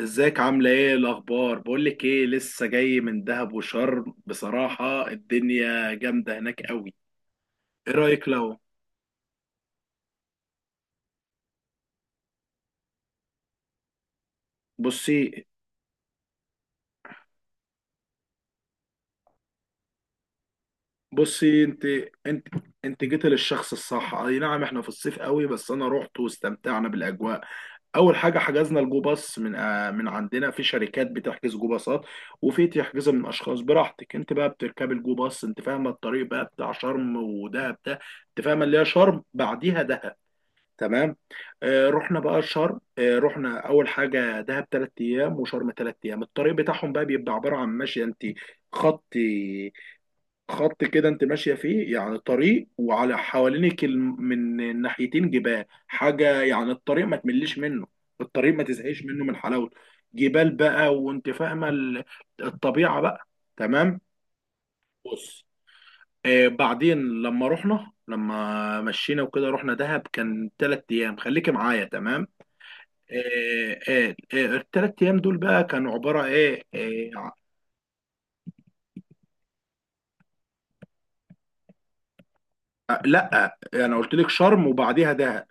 ازيك عاملة ايه الأخبار؟ بقولك ايه، لسه جاي من دهب وشرم. بصراحة الدنيا جامدة هناك قوي. ايه رأيك لو... بصي بصي، انت انت جيت للشخص الصح. اي نعم، احنا في الصيف قوي، بس انا رحت واستمتعنا بالاجواء. اول حاجه حجزنا الجو باص من من عندنا، في شركات بتحجز جو باصات، وفي تحجزها من اشخاص براحتك. انت بقى بتركب الجو باص. انت فاهمه الطريق بقى بتاع شرم ودهب ده، انت فاهمه اللي هي شرم بعديها دهب. تمام. آه، رحنا بقى شرم، آه، رحنا اول حاجه دهب ثلاث ايام وشرم ثلاث ايام. الطريق بتاعهم بقى بيبقى عباره عن ماشيه انت خط خط كده، انت ماشيه فيه، يعني طريق، وعلى حوالينك من الناحيتين جبال حاجه، يعني الطريق ما تمليش منه، الطريق ما تزهقش منه من حلاوته. جبال بقى وانت فاهمه الطبيعه بقى. تمام. بص، آه، بعدين لما رحنا، لما مشينا وكده، رحنا دهب، كان ثلاث ايام، خليكي معايا. تمام. الثلاث ايام دول بقى كانوا عباره ايه، لا، انا قلت لك شرم وبعديها دهب.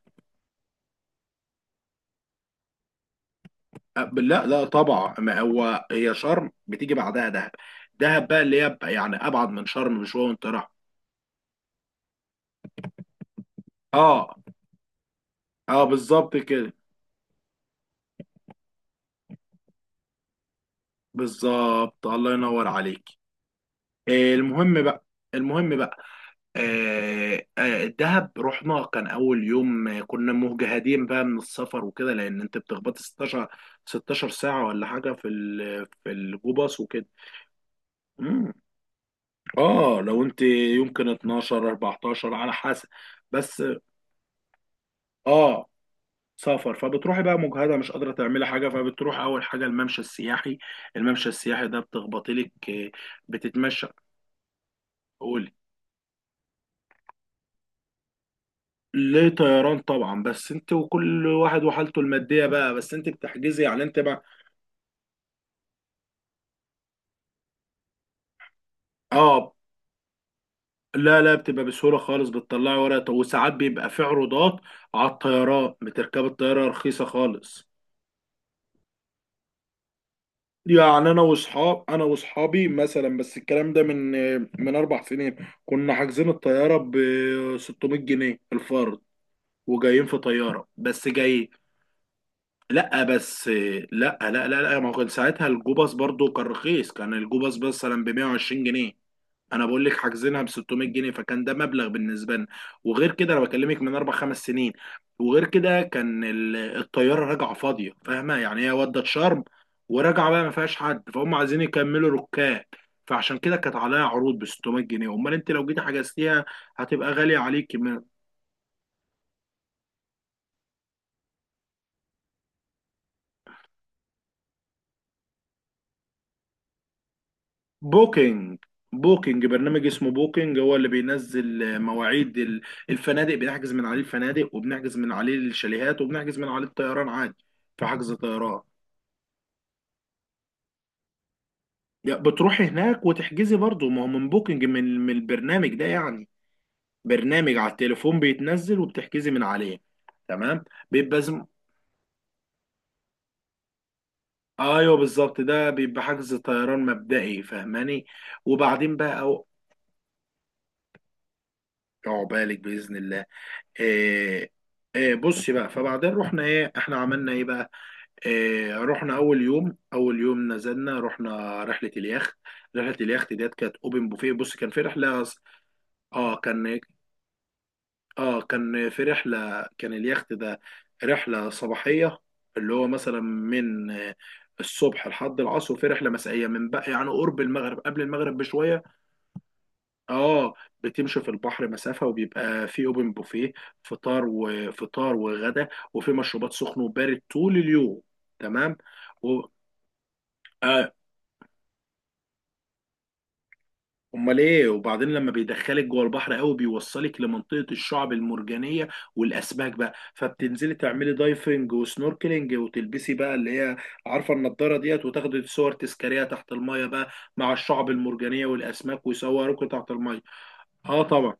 لا لا طبعا، ما هو هي شرم بتيجي بعدها دهب. دهب بقى اللي هي بقى يعني ابعد من شرم بشويه وانت رايح. اه. اه بالظبط كده، بالظبط، الله ينور عليك. المهم بقى، المهم بقى، الدهب رحنا كان اول يوم. كنا مجهدين بقى من السفر وكده، لان انت بتخبط 16 16 ساعه ولا حاجه في في الجو باص وكده. مم. اه، لو انت يمكن 12 14 على حسب. بس، اه، سفر. فبتروحي بقى مجهده، مش قادره تعملي حاجه، فبتروح اول حاجه الممشى السياحي. الممشى السياحي ده بتخبطي لك بتتمشى. قولي. ليه، طيران طبعا، بس انت وكل واحد وحالته الماديه بقى، بس انت بتحجزي يعني، انت بقى. اه، لا لا بتبقى بسهوله خالص، بتطلعي ورقه، وساعات بيبقى في عروضات على الطيران، بتركب الطياره رخيصه خالص. يعني انا واصحابي مثلا، بس الكلام ده من اربع سنين، كنا حاجزين الطياره ب 600 جنيه الفرد، وجايين في طياره، بس جايين. لا بس لا لا لا لا، ما كان ساعتها الجوباس برضو كان رخيص، كان الجوباس مثلا ب 120 جنيه. انا بقول لك حاجزينها ب 600 جنيه، فكان ده مبلغ بالنسبه لنا. وغير كده انا بكلمك من اربع خمس سنين. وغير كده كان الطياره راجعه فاضيه، فاهمه يعني، هي ودت شرم وراجعه بقى، ما فيهاش حد، فهم، عايزين يكملوا ركاب. فعشان كده كانت عليها عروض ب 600 جنيه. امال انت لو جيتي حجزتيها هتبقى غاليه عليك. بوكينج، بوكينج برنامج اسمه بوكينج، هو اللي بينزل مواعيد الفنادق. بنحجز من عليه الفنادق، وبنحجز من عليه الشاليهات، وبنحجز من عليه الطيران عادي، في حجز طيران. يا بتروحي هناك وتحجزي برضه، ما هو من بوكينج، من البرنامج ده يعني، برنامج على التليفون بيتنزل وبتحجزي من عليه. تمام. بيبقى زم... ايوه بالظبط، ده بيبقى حجز طيران مبدئي، فاهماني؟ وبعدين بقى أو... عقبالك باذن الله. آه، بصي بقى، فبعدين رحنا ايه، احنا عملنا ايه بقى. رحنا اول يوم، اول يوم نزلنا رحنا رحله اليخت. رحله اليخت ديت كانت اوبن بوفيه. بص، كان في رحله، اه كان، اه كان في رحله، كان اليخت ده رحله صباحيه، اللي هو مثلا من الصبح لحد العصر، وفي رحله مسائيه من بقى يعني قرب المغرب، قبل المغرب بشويه. اه، بتمشي في البحر مسافة وبيبقى في اوبن بوفيه، فطار وفطار وغدا، وفي مشروبات سخن وبارد طول اليوم. تمام. و... آه. امال ايه، وبعدين لما بيدخلك جوه البحر قوي بيوصلك لمنطقة الشعب المرجانية والاسماك بقى. فبتنزلي تعملي دايفنج وسنوركلينج، وتلبسي بقى اللي هي، عارفة النضارة ديت، وتاخدي صور تذكارية تحت المية بقى، مع الشعب المرجانية والاسماك، ويصوروكي تحت المية. اه طبعا.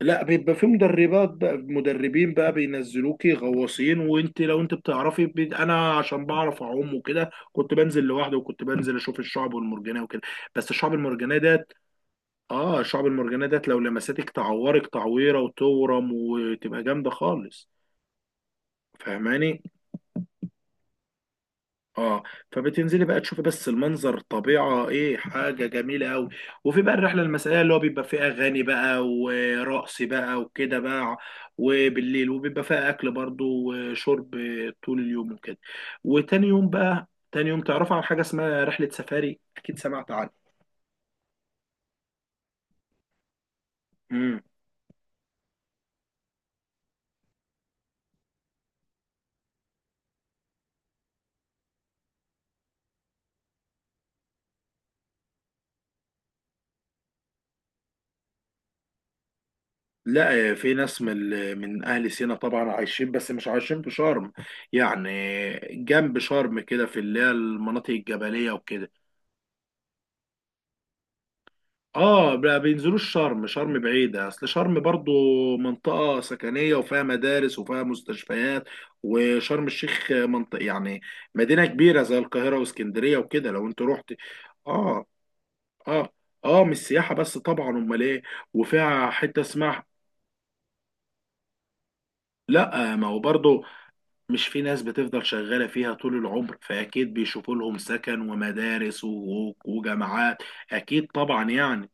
لا، بيبقى في مدربات بقى، مدربين بقى بينزلوكي غواصين. وانت لو انت بتعرفي انا عشان بعرف اعوم وكده كنت بنزل لوحدي، وكنت بنزل اشوف الشعب المرجانيه وكده. بس الشعب المرجانيه ديت، اه الشعب المرجانيه ديت لو لمستك تعورك تعويره وتورم وتبقى جامده خالص، فاهماني؟ اه. فبتنزلي بقى تشوفي بس المنظر، طبيعة ايه حاجة جميلة قوي. وفي بقى الرحلة المسائية، اللي هو بيبقى فيه اغاني بقى ورقص بقى وكده بقى وبالليل، وبيبقى فيها اكل برضو وشرب طول اليوم وكده. وتاني يوم بقى، تاني يوم، تعرفوا عن حاجة اسمها رحلة سفاري؟ اكيد سمعت عنها. امم. لا، في ناس من من اهل سينا طبعا عايشين، بس مش عايشين في شرم يعني. جنب شرم كده، في اللي هي المناطق الجبلية وكده. اه ما بينزلوش شرم، شرم بعيدة، اصل شرم برضو منطقة سكنية، وفيها مدارس وفيها مستشفيات. وشرم الشيخ منطقة يعني مدينة كبيرة زي القاهرة واسكندرية وكده لو انت رحت. اه. اه. اه مش سياحة بس طبعا، امال ايه. وفيها حتة اسمها... لا ما هو برضه مش في ناس بتفضل شغالة فيها طول العمر، فأكيد بيشوفوا لهم سكن ومدارس وجامعات. أكيد طبعا يعني.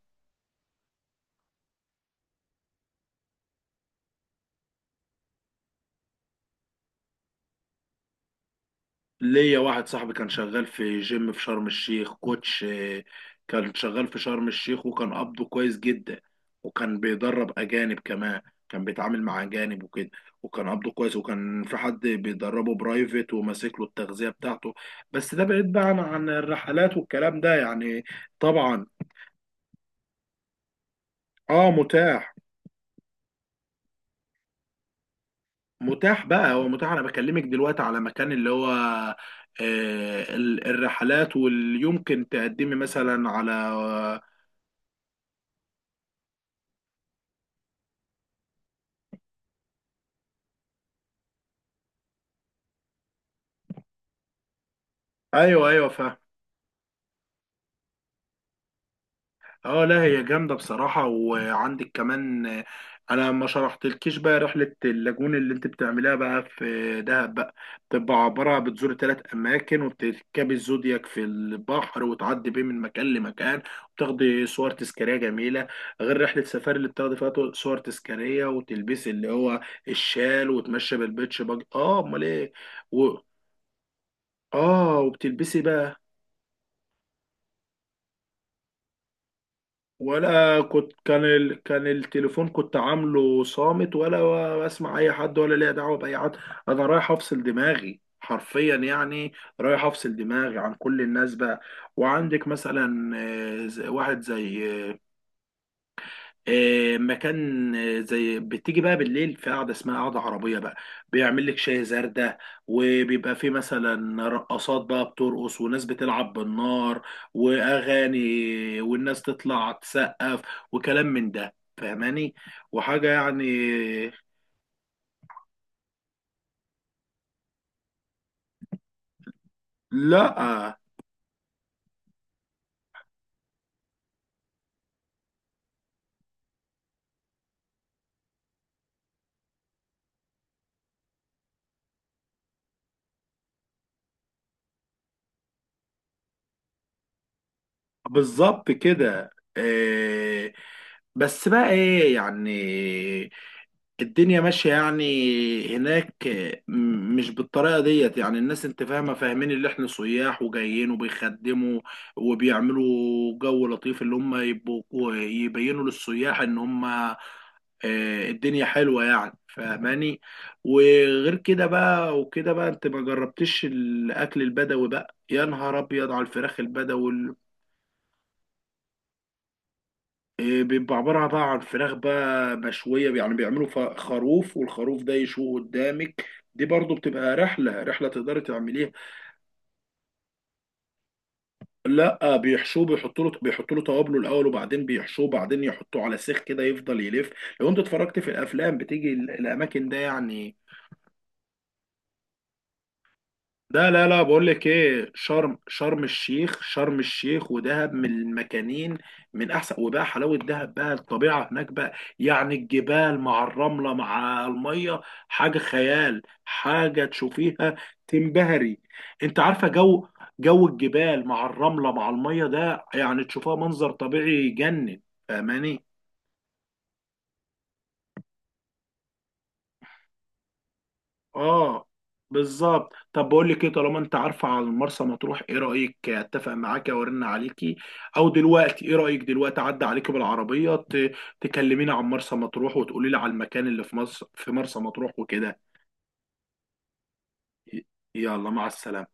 ليا واحد صاحبي كان شغال في جيم في شرم الشيخ كوتش. كان شغال في شرم الشيخ وكان قبضه كويس جدا، وكان بيدرب أجانب كمان، كان بيتعامل مع أجانب وكده، وكان قبضه كويس، وكان في حد بيدربه برايفت وماسك له التغذية بتاعته. بس ده بعيد بقى عن الرحلات والكلام ده يعني. طبعا. اه متاح. متاح بقى، هو متاح. انا بكلمك دلوقتي على مكان اللي هو، آه، الرحلات واللي يمكن تقدمي مثلا على. ايوه ايوه فاهم. اه لا هي جامده بصراحه. وعندك كمان، انا ما شرحتلكيش بقى رحله اللاجون اللي انت بتعملها بقى في دهب بقى. بتبقى عباره بتزور ثلاث اماكن، وبتركبي الزودياك في البحر وتعدي بيه من مكان لمكان، وبتاخدي صور تذكاريه جميله. غير رحله سفاري اللي بتاخدي فيها صور تذكاريه، وتلبسي اللي هو الشال وتمشي بالبيتش باج. اه امال ايه. و... اه وبتلبسي بقى. ولا كنت، كان التليفون كنت عامله صامت، ولا بسمع اي حد ولا ليا دعوه باي حد. انا رايح افصل دماغي حرفيا يعني، رايح افصل دماغي عن كل الناس بقى. وعندك مثلا، واحد زي، مكان، زي بتيجي بقى بالليل في قعده اسمها قعده عربيه بقى، بيعمل لك شاي زردة، وبيبقى في مثلا رقصات بقى، بترقص وناس بتلعب بالنار واغاني، والناس تطلع تسقف وكلام من ده، فاهماني؟ وحاجه يعني. لا بالظبط كده. آه، بس بقى ايه يعني، الدنيا ماشية يعني هناك، مش بالطريقة ديت يعني. الناس انت فاهمة، فاهمين اللي احنا سياح وجايين، وبيخدموا وبيعملوا جو لطيف، اللي هم يبقوا يبينوا للسياح ان هم، الدنيا حلوة يعني، فاهماني؟ وغير كده بقى، وكده بقى، انت ما جربتش الاكل البدوي بقى؟ يا نهار ابيض على الفراخ البدوي! إيه، بيبقى عبارة بقى عن فراخ بقى مشوية يعني. بيعملوا خروف، والخروف ده يشوه قدامك. دي برضو بتبقى رحلة، رحلة تقدري تعمليها. لا بيحشوه، بيحطوا له توابله الأول، وبعدين بيحشوه، وبعدين يحطوه على سيخ كده يفضل يلف. لو انت اتفرجت في الأفلام بتيجي الأماكن ده يعني. لا لا لا بقول لك ايه، شرم الشيخ ودهب من المكانين من احسن. وبقى حلاوه دهب بقى، الطبيعه هناك بقى يعني، الجبال مع الرمله مع الميه، حاجه خيال، حاجه تشوفيها تنبهري. انت عارفه جو، جو الجبال مع الرمله مع الميه ده يعني تشوفها منظر طبيعي يجنن، فاهماني؟ اه بالظبط. طب بقول لك ايه، طالما انت عارفه على مرسى مطروح، ايه رايك اتفق معاكي وارن عليكي، او دلوقتي ايه رايك دلوقتي اعدي عليكي بالعربيه تكلميني عن مرسى مطروح، وتقولي لي على المكان اللي في مصر في مرسى مطروح وكده. ي- يلا مع السلامه.